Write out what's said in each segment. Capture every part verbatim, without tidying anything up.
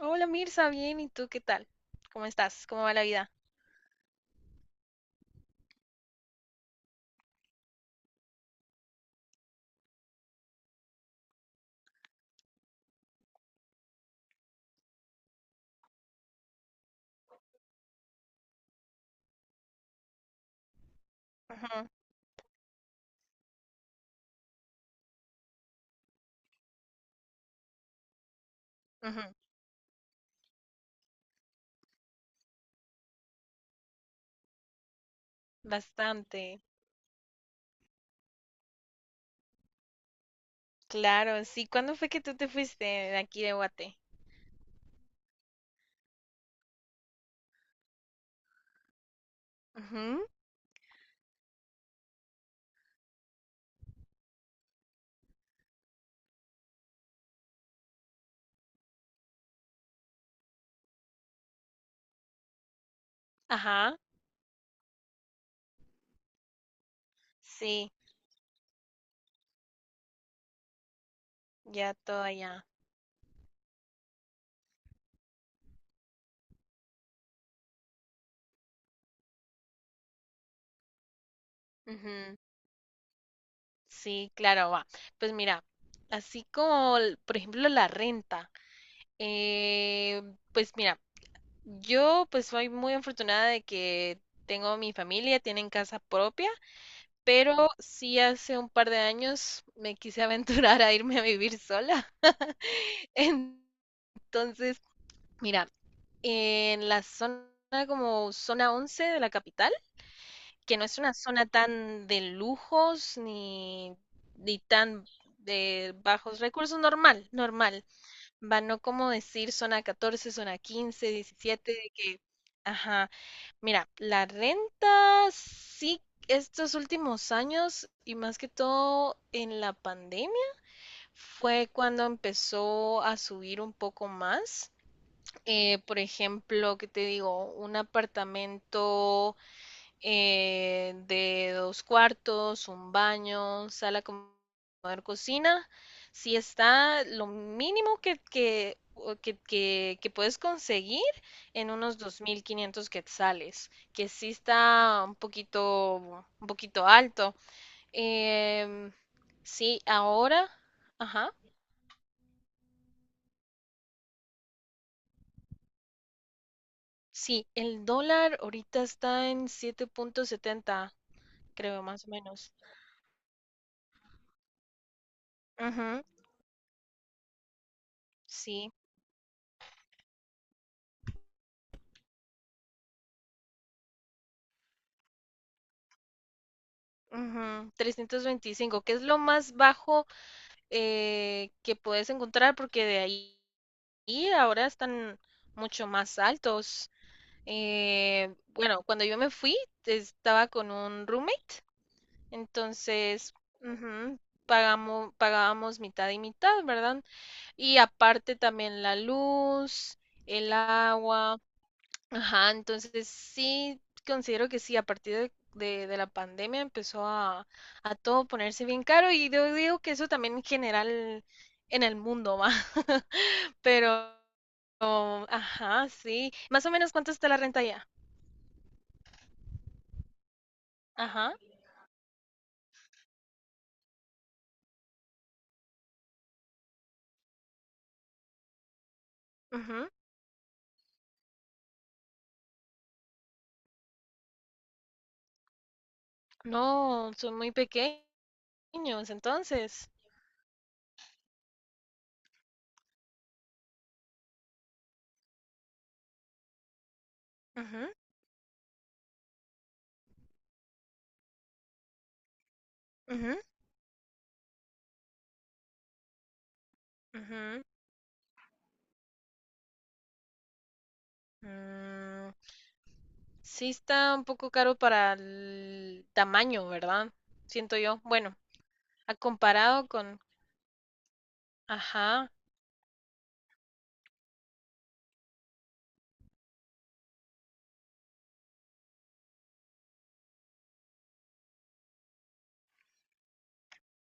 Hola Mirza, bien, ¿y tú qué tal? ¿Cómo estás? ¿Cómo va la vida? Ujú, ujú. Bastante. Claro, sí. ¿Cuándo fue que tú te fuiste de aquí de Guate? Ujú. Ajá, sí, ya todo allá. Ujú. Sí, claro, va. Pues mira, así como, l- por ejemplo, la renta. eh, pues mira, yo pues soy muy afortunada de que tengo mi familia, tienen casa propia. Pero sí, hace un par de años me quise aventurar a irme a vivir sola. Entonces, mira, en la zona como zona once de la capital, que no es una zona tan de lujos ni, ni tan de bajos recursos, normal, normal. Va, no como decir zona catorce, zona quince, diecisiete, de que, ajá, mira, la renta sí, estos últimos años y más que todo en la pandemia fue cuando empezó a subir un poco más. Eh, por ejemplo, ¿qué te digo? Un apartamento eh, de dos cuartos, un baño, sala com- cocina, si está lo mínimo que, que, o que, que, que puedes conseguir en unos dos mil quinientos quetzales, que sí está un poquito, un poquito alto. Em, sí, ahora, ajá, sí, el dólar ahorita está en siete punto setenta, creo, más o menos. Ujú, sí. Ujú, trescientos veinticinco que es lo más bajo eh, que puedes encontrar, porque de ahí. Y ahora están mucho más altos. Eh, bueno, cuando yo me fui, estaba con un roommate, entonces ujú, pagamo- pagábamos mitad y mitad, ¿verdad? Y aparte también la luz, el agua, ajá, entonces sí, considero que sí, a partir de, de- de la pandemia empezó a, a todo ponerse bien caro, y yo digo que eso también en general en el mundo va. Pero... Oh, ajá, sí. Más o menos, ¿cuánto está la renta allá? Ajá. Ujú. No, son muy pequeños, entonces. Ujú, ujú, ujú. Mm, sí está un poco caro para el tamaño, ¿verdad? Siento yo. Bueno, a comparado con... Ajá.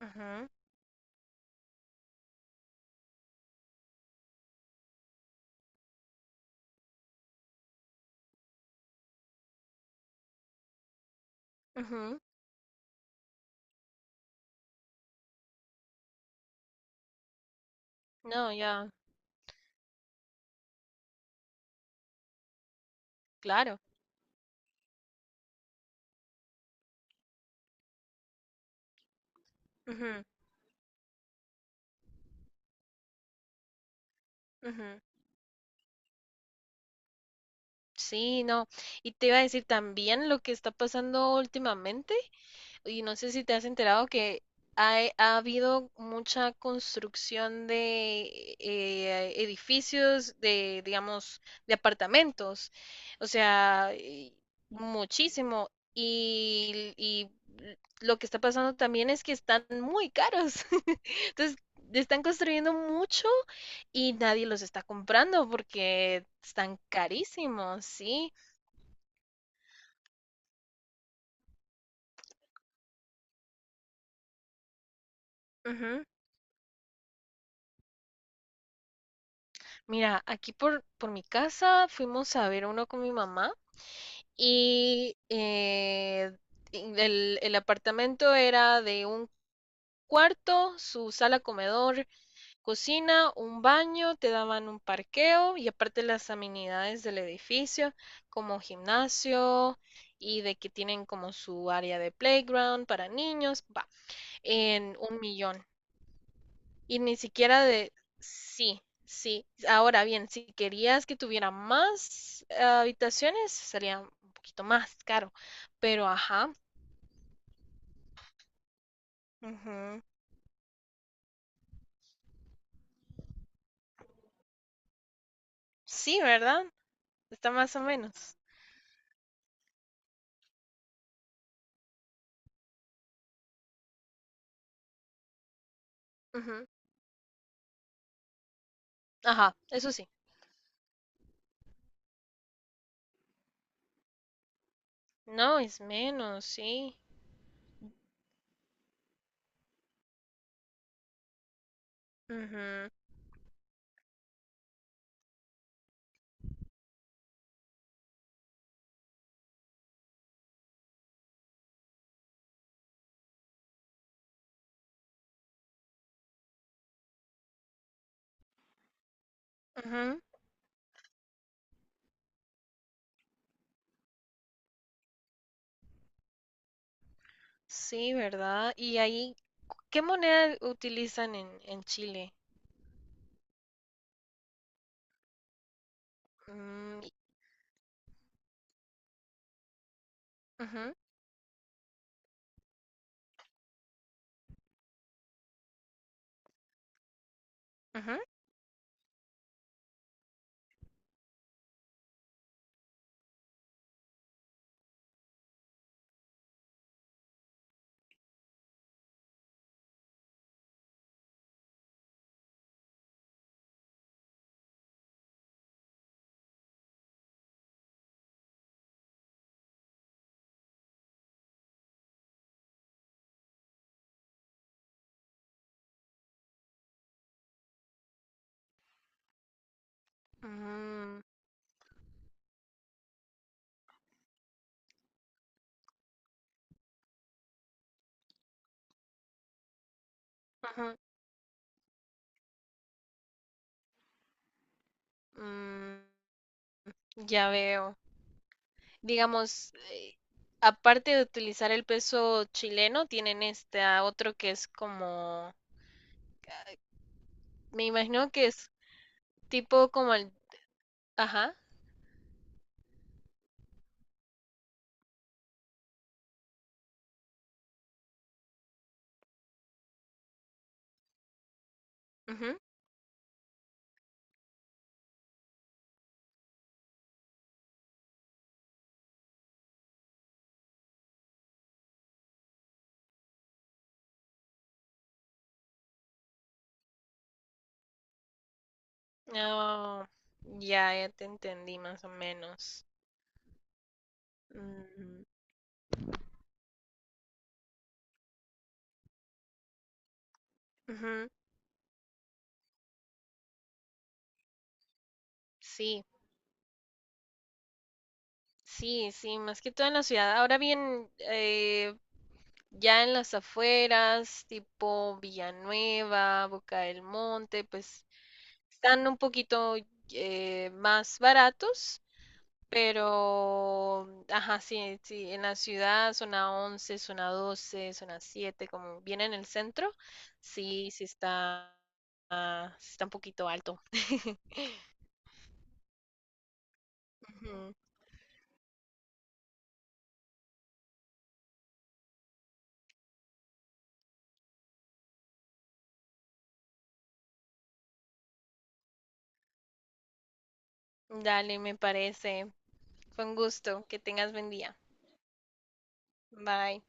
Ujú, ujú. No, ya, claro. Ujú, ujú. Sí, no. Y te iba a decir también lo que está pasando últimamente. Y no sé si te has enterado que hay- ha habido mucha construcción de eh, edificios, de, digamos, de apartamentos, o sea, y- muchísimo. Y, y lo que está pasando también es que están muy caros. Entonces, están construyendo mucho y nadie los está comprando porque están carísimos, sí. Mira, aquí por, por mi casa fuimos a ver uno con mi mamá y eh, en el, el apartamento era de un cuarto, su sala comedor, cocina, un baño, te daban un parqueo y aparte las amenidades del edificio, como gimnasio y de que tienen como su área de playground para niños, va, en un millón. Y ni siquiera de, sí, sí. Ahora bien, si querías que tuviera más eh, habitaciones, sería un poquito más caro. Pero, ajá, ujú. Sí, ¿verdad? Está más o menos. Ujú. Ajá, eso sí. No, es menos, sí. Ujú, ujú. Sí, ¿verdad? Y ahí, ¿qué moneda utilizan en, en Chile? Mm, y- ujú, ujú, mm, ujú, mm, ya veo. Digamos, eh, aparte de utilizar el peso chileno, tienen este ah, otro que es como, me imagino que es tipo como el, ajá, ujú. Ah, ya, ya te entendí más o menos. Mm, ujú. Sí, sí, sí, más que todo en la ciudad. Ahora bien, eh, ya en las afueras, tipo Villanueva, Boca del Monte, pues están un poquito eh, más baratos. Pero, ajá, sí, sí, en la ciudad zona once, zona doce, zona siete como viene en el centro, sí, sí está, ah, sí está un poquito alto. Ujú. Dale, me parece. Fue un gusto. Que tengas buen día. Bye.